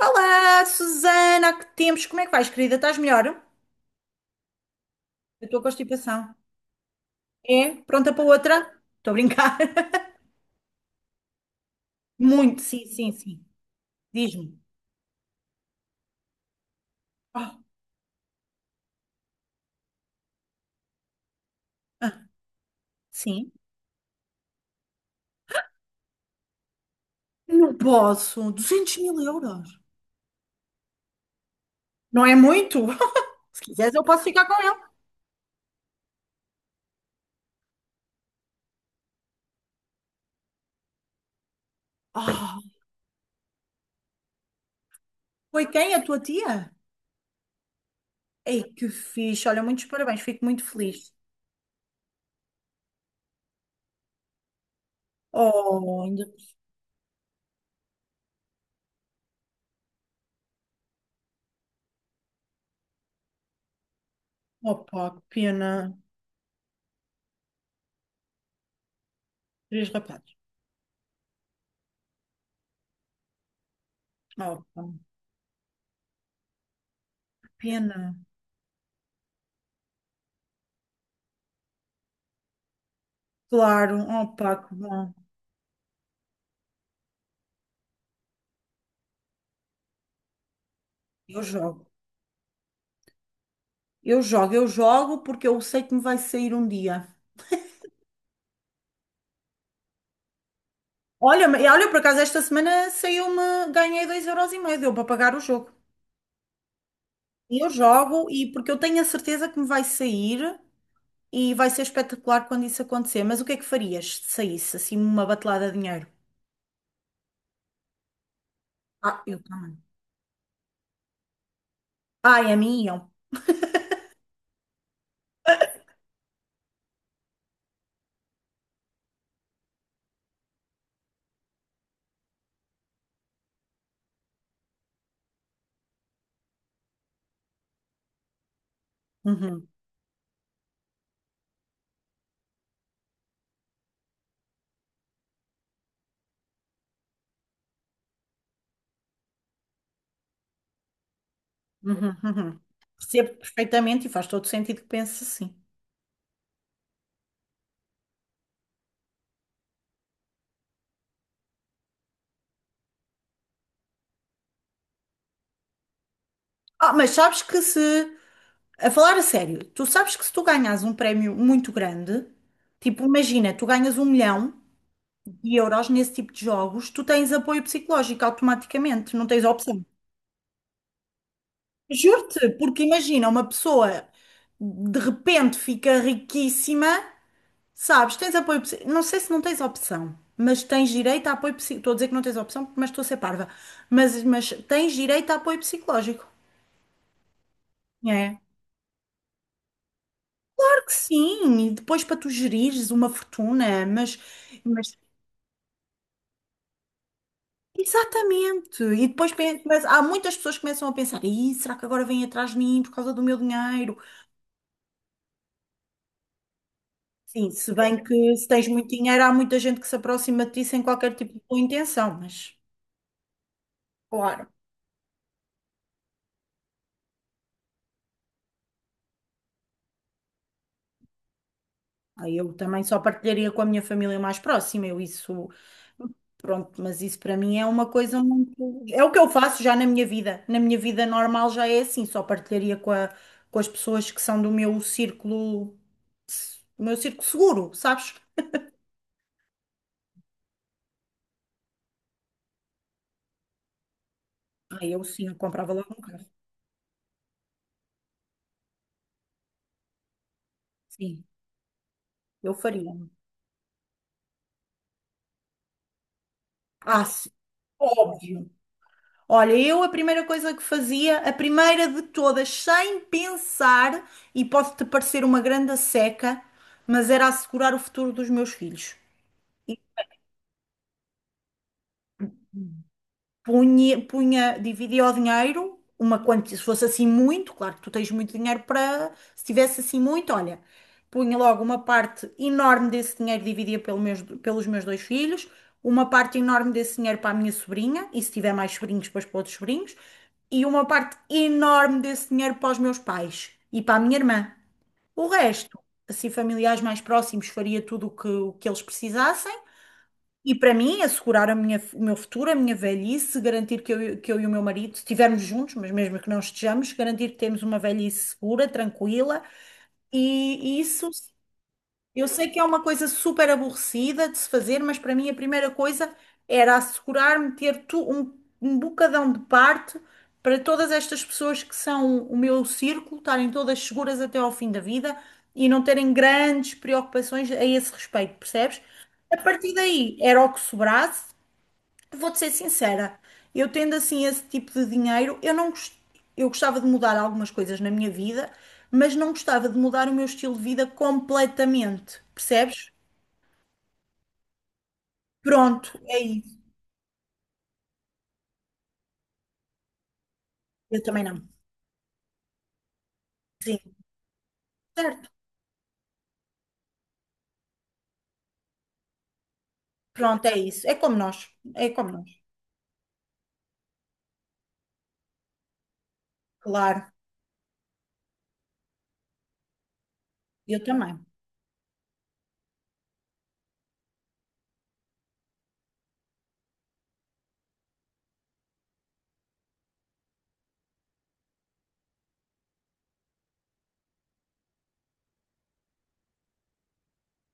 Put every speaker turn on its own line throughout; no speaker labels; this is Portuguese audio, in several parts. Olá, Susana, há que tempos? Como é que vais, querida? Estás melhor? Eu estou com constipação. É? Pronta para outra? Estou a brincar. Muito, sim, sim, sim. Diz-me. Ah, ah, sim? Não posso. 200 mil euros. Não é muito? Se quiseres, eu posso ficar com ele. Ah, foi quem? A tua tia? Ei, que fixe. Olha, muitos parabéns. Fico muito feliz. Oh, ainda. Opa, que pena. Três rapazes. Oh, pá, que pena. Claro. Oh, pá, que bom. Eu jogo. Eu jogo, eu jogo porque eu sei que me vai sair um dia. Olha, olha, por acaso esta semana saiu-me, ganhei 2,50 euros, deu para pagar o jogo. E eu jogo, e porque eu tenho a certeza que me vai sair e vai ser espetacular quando isso acontecer. Mas o que é que farias se saísse assim uma batelada de dinheiro? Ah, eu também. Ah, é a mim e eu. Uhum, uhum, uhum. Percebo perfeitamente e faz todo sentido que penses assim. Ah, mas sabes que se A falar a sério, tu sabes que se tu ganhas um prémio muito grande, tipo, imagina, tu ganhas 1 milhão de euros nesse tipo de jogos, tu tens apoio psicológico automaticamente, não tens opção. Juro-te, porque imagina, uma pessoa de repente fica riquíssima, sabes, tens apoio, não sei se não tens opção, mas tens direito a apoio psicológico. Estou a dizer que não tens opção, mas estou a ser parva. Mas tens direito a apoio psicológico. É. Claro que sim, e depois para tu gerires uma fortuna, mas exatamente. E depois mas há muitas pessoas que começam a pensar: "Ih, será que agora vêm atrás de mim por causa do meu dinheiro?" Sim, se bem que se tens muito dinheiro, há muita gente que se aproxima de ti sem qualquer tipo de boa intenção, mas claro, aí eu também só partilharia com a minha família mais próxima, eu isso, pronto, mas isso para mim é uma coisa muito, é o que eu faço já na minha vida normal já é assim, só partilharia com as pessoas que são do meu círculo seguro, sabes? Aí eu sim, eu comprava logo um carro. Sim, eu faria. Ah, sim, óbvio. Olha, eu a primeira coisa que fazia, a primeira de todas, sem pensar, e pode-te parecer uma grande seca, mas era assegurar o futuro dos meus filhos. Punha dividia o dinheiro, uma quantia, se fosse assim muito, claro que tu tens muito dinheiro para, se tivesse assim muito, olha, punha logo uma parte enorme desse dinheiro, dividia pelo pelos meus dois filhos, uma parte enorme desse dinheiro para a minha sobrinha, e se tiver mais sobrinhos, depois para outros sobrinhos, e uma parte enorme desse dinheiro para os meus pais e para a minha irmã. O resto, assim, familiares mais próximos, faria tudo o que eles precisassem. E para mim, assegurar a o meu futuro, a minha velhice, garantir que eu e o meu marido, se estivermos juntos, mas mesmo que não estejamos, garantir que temos uma velhice segura, tranquila. E isso, eu sei que é uma coisa super aborrecida de se fazer, mas para mim a primeira coisa era assegurar-me ter tu, um bocadão de parte para todas estas pessoas que são o meu círculo, estarem todas seguras até ao fim da vida e não terem grandes preocupações a esse respeito, percebes? A partir daí era o que sobrasse. Vou-te ser sincera, eu tendo assim esse tipo de dinheiro, eu não gos-, eu gostava de mudar algumas coisas na minha vida, mas não gostava de mudar o meu estilo de vida completamente, percebes? Pronto, é isso. Eu também não. Sim, certo. Pronto, é isso. É como nós, é como nós. Claro, eu também.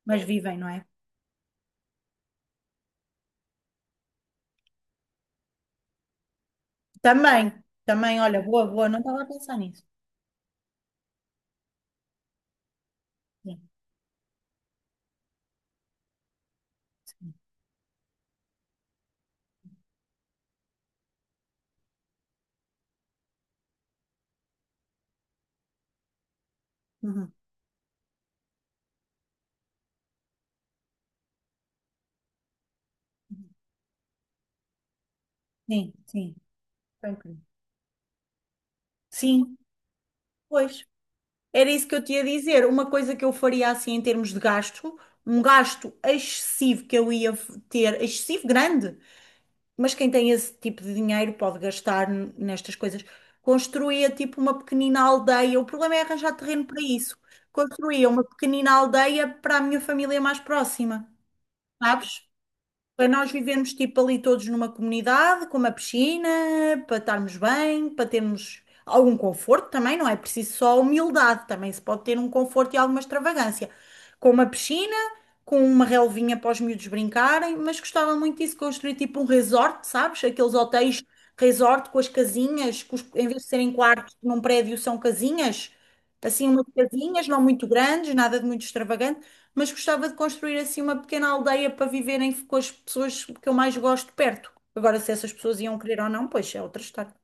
Mas vivem, não é? Também, também, olha, boa, boa, não estava a pensar nisso. Sim, uhum. Sim, sim, tranquilo. Sim, pois. Era isso que eu te ia dizer. Uma coisa que eu faria assim em termos de gasto, um gasto excessivo que eu ia ter, excessivo grande, mas quem tem esse tipo de dinheiro pode gastar nestas coisas. Construía tipo uma pequenina aldeia. O problema é arranjar terreno para isso. Construía uma pequenina aldeia para a minha família mais próxima, sabes? Para nós vivermos tipo ali todos numa comunidade, com uma piscina, para estarmos bem, para termos algum conforto também, não é preciso só humildade, também se pode ter um conforto e alguma extravagância. Com uma piscina, com uma relvinha para os miúdos brincarem, mas gostava muito disso, construir tipo um resort, sabes? Aqueles hotéis resort com as casinhas, em vez de serem quartos num prédio, são casinhas, assim umas casinhas, não muito grandes, nada de muito extravagante, mas gostava de construir assim uma pequena aldeia para viverem com as pessoas que eu mais gosto perto. Agora, se essas pessoas iam querer ou não, pois é outra história.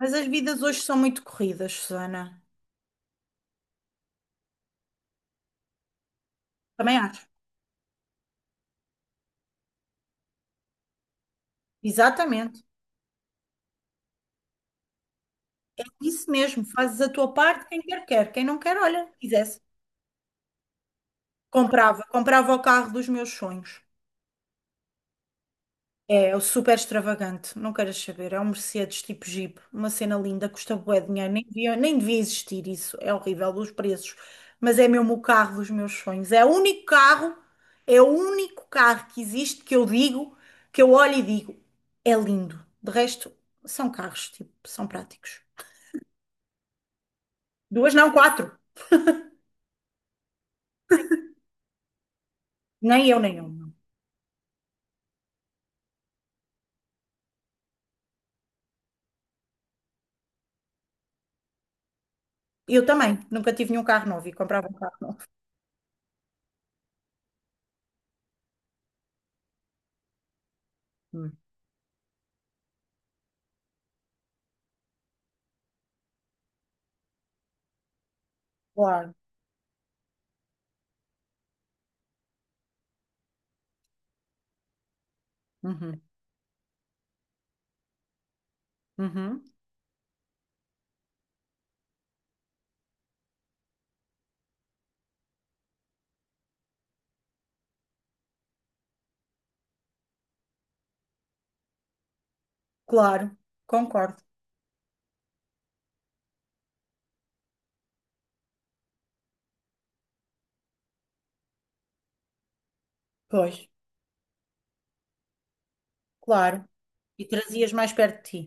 Mas as vidas hoje são muito corridas, Susana. Também acho. Exatamente. Isso mesmo, fazes a tua parte, quem quer quer, quem não quer, olha, quisesse. Comprava, comprava o carro dos meus sonhos. É, é o super extravagante, não queres saber. É um Mercedes tipo Jeep, uma cena linda, custa bué de dinheiro, nem devia, nem devia existir isso. É horrível os preços, mas é mesmo o carro dos meus sonhos. É o único carro, é o único carro que existe que eu digo, que eu olho e digo, é lindo. De resto, são carros, tipo, são práticos. Duas, não, quatro. Nem eu, nem eu. Não. Eu também, nunca tive nenhum carro novo e comprava um carro novo. Hum. Claro. Uhum, uhum. Claro, concordo. Pois. Claro. E trazias mais perto de ti.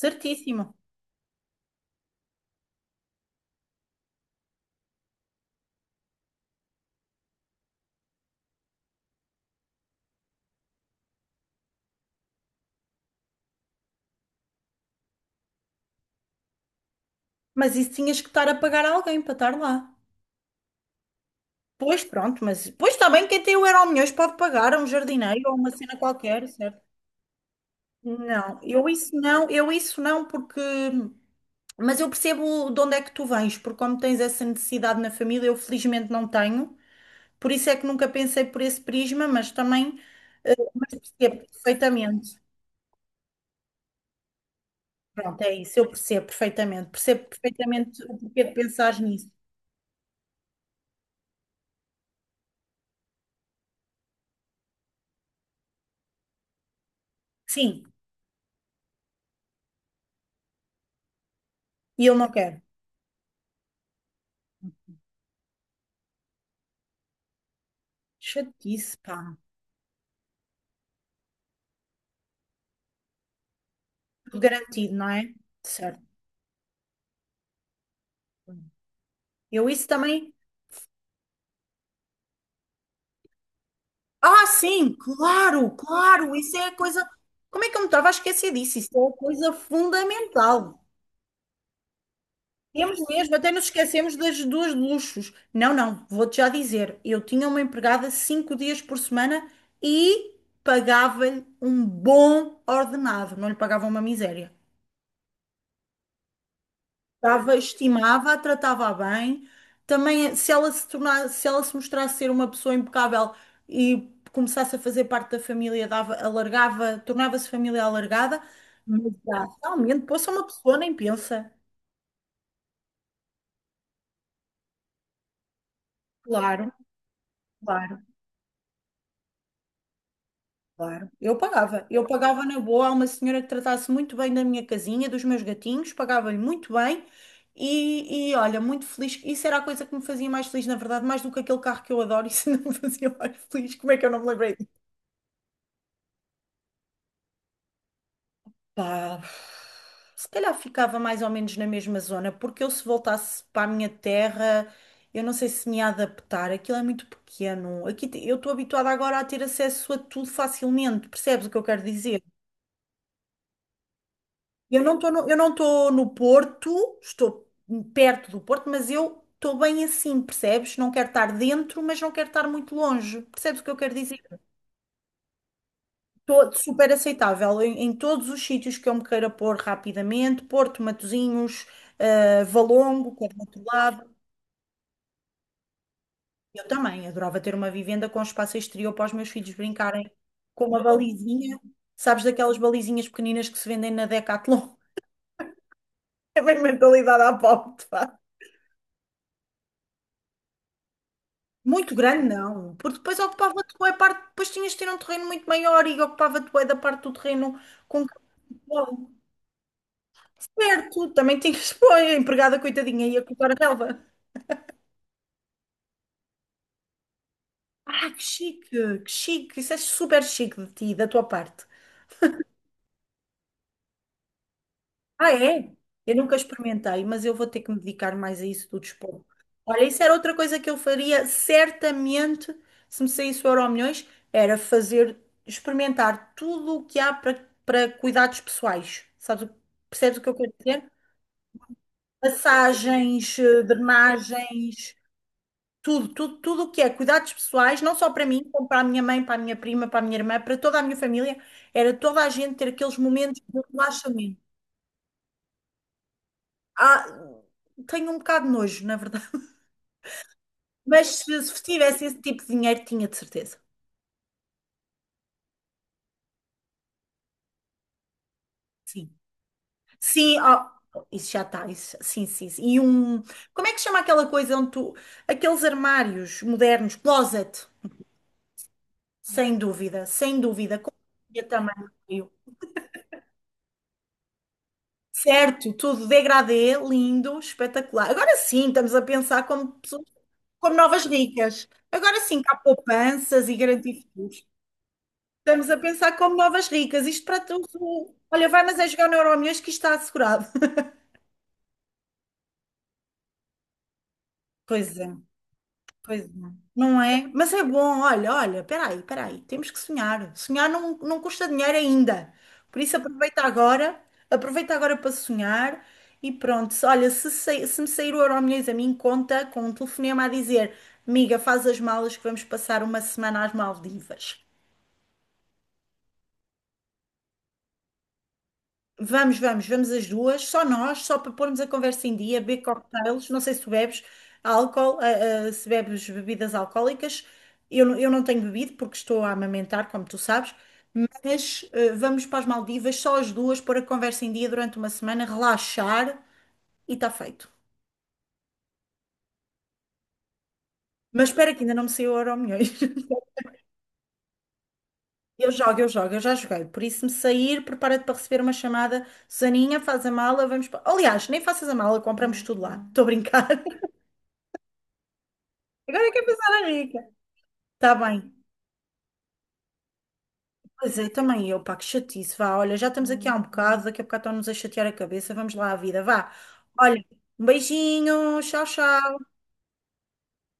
Certíssimo. Mas isso tinhas que estar a pagar a alguém para estar lá. Pois pronto, mas pois está bem, quem tem o Euromilhões pode pagar a um jardineiro ou a uma cena qualquer, certo? Não, eu isso não, eu isso não, porque. Mas eu percebo de onde é que tu vens, porque como tens essa necessidade na família, eu felizmente não tenho, por isso é que nunca pensei por esse prisma, mas também. Mas percebo perfeitamente. Pronto, é isso, eu percebo perfeitamente. Percebo perfeitamente o porquê de pensares nisso. Sim, e eu não quero. Chatice, pá. Tudo garantido, não é? Certo. Eu isso também. Ah, sim, claro, claro. Isso é a coisa. Como é que eu me estava a esquecer disso? Isso é a coisa fundamental. Temos mesmo, até nos esquecemos das duas luxos. Não, não, vou-te já dizer. Eu tinha uma empregada 5 dias por semana e pagava-lhe um bom ordenado. Não lhe pagava uma miséria. Dava, estimava, a tratava bem. Também, se ela se tornasse, se ela se mostrasse ser uma pessoa impecável e começasse a fazer parte da família, dava, alargava, tornava-se família alargada, mas já, realmente, pô, só uma pessoa nem pensa. Claro, claro, claro. Eu pagava. Eu pagava na boa a uma senhora que tratasse muito bem da minha casinha, dos meus gatinhos, pagava-lhe muito bem. E, olha, muito feliz. Isso era a coisa que me fazia mais feliz, na verdade, mais do que aquele carro que eu adoro. Isso não me fazia mais feliz. Como é que eu não me lembrei? Pá, se calhar ficava mais ou menos na mesma zona, porque eu se voltasse para a minha terra, eu não sei se me ia adaptar, aquilo é muito pequeno. Eu estou habituada agora a ter acesso a tudo facilmente, percebes o que eu quero dizer? Eu não estou no, eu não estou no Porto, estou perto do Porto, mas eu estou bem assim, percebes? Não quero estar dentro, mas não quero estar muito longe, percebes o que eu quero dizer? Super aceitável em, em todos os sítios que eu me queira pôr rapidamente, Porto, Matosinhos, Valongo, que é do outro lado. Eu também adorava ter uma vivenda com espaço exterior para os meus filhos brincarem, com uma balizinha, sabes, daquelas balizinhas pequeninas que se vendem na Decathlon. É bem mentalidade à pobre, pá. Muito grande, não, porque depois ocupava-te bué parte, depois tinhas de ter um terreno muito maior e ocupava-te bué da parte do terreno com que certo, também tinhas, pô, a empregada coitadinha ia cortar a relva. Ah, que chique, que chique. Isso é super chique de ti, da tua parte. Ah, é? Eu nunca experimentei, mas eu vou ter que me dedicar mais a isso do desporto. Olha, isso era outra coisa que eu faria certamente se me saísse o Euromilhões, era fazer, experimentar tudo o que há para cuidados pessoais. Sabes, percebes o que eu quero dizer? Massagens, drenagens, tudo, tudo, tudo o que é cuidados pessoais, não só para mim, como para a minha mãe, para a minha prima, para a minha irmã, para toda a minha família, era toda a gente ter aqueles momentos de relaxamento. Ah, tenho um bocado de nojo, na verdade. Mas se tivesse esse tipo de dinheiro, tinha de certeza. Sim. Sim, ó, isso já está. Sim, sim, sim. E um. Como é que se chama aquela coisa onde tu? Aqueles armários modernos, closet, sem dúvida, sem dúvida. Com eu também. Certo, tudo degradê, lindo, espetacular. Agora sim, estamos a pensar como pessoas, como novas ricas. Agora sim, que há poupanças e garantir futuros. Estamos a pensar como novas ricas. Isto para todos. Olha, vai, mas é jogar no Euromilhões que isto está assegurado. Pois é. Pois não. Não é? Mas é bom, olha, olha, peraí, peraí, temos que sonhar. Sonhar não, não custa dinheiro ainda. Por isso aproveita agora para sonhar e pronto. Olha, se me sair o Euromilhões a mim, conta com um telefonema a dizer: amiga, faz as malas que vamos passar uma semana às Maldivas. Vamos, vamos, vamos as duas, só nós, só para pormos a conversa em dia, beber cocktails. Não sei se tu bebes álcool, se bebes bebidas alcoólicas. Eu não tenho bebido porque estou a amamentar, como tu sabes. Mas vamos para as Maldivas, só as duas, pôr a conversa em dia durante uma semana, relaxar e está feito. Mas espera que ainda não me saiu o Euromilhões. Eu jogo, eu jogo, eu já joguei. Por isso, se me sair, prepara-te para receber uma chamada. Susaninha, faz a mala, vamos para. Aliás, nem faças a mala, compramos tudo lá. Estou a brincar. Agora é que a pessoa era rica. Está bem. Pois é, também eu, pá, que chatice. Vá, olha, já estamos aqui há um bocado, daqui a bocado estão-nos a chatear a cabeça. Vamos lá à vida, vá. Olha, um beijinho, tchau, tchau.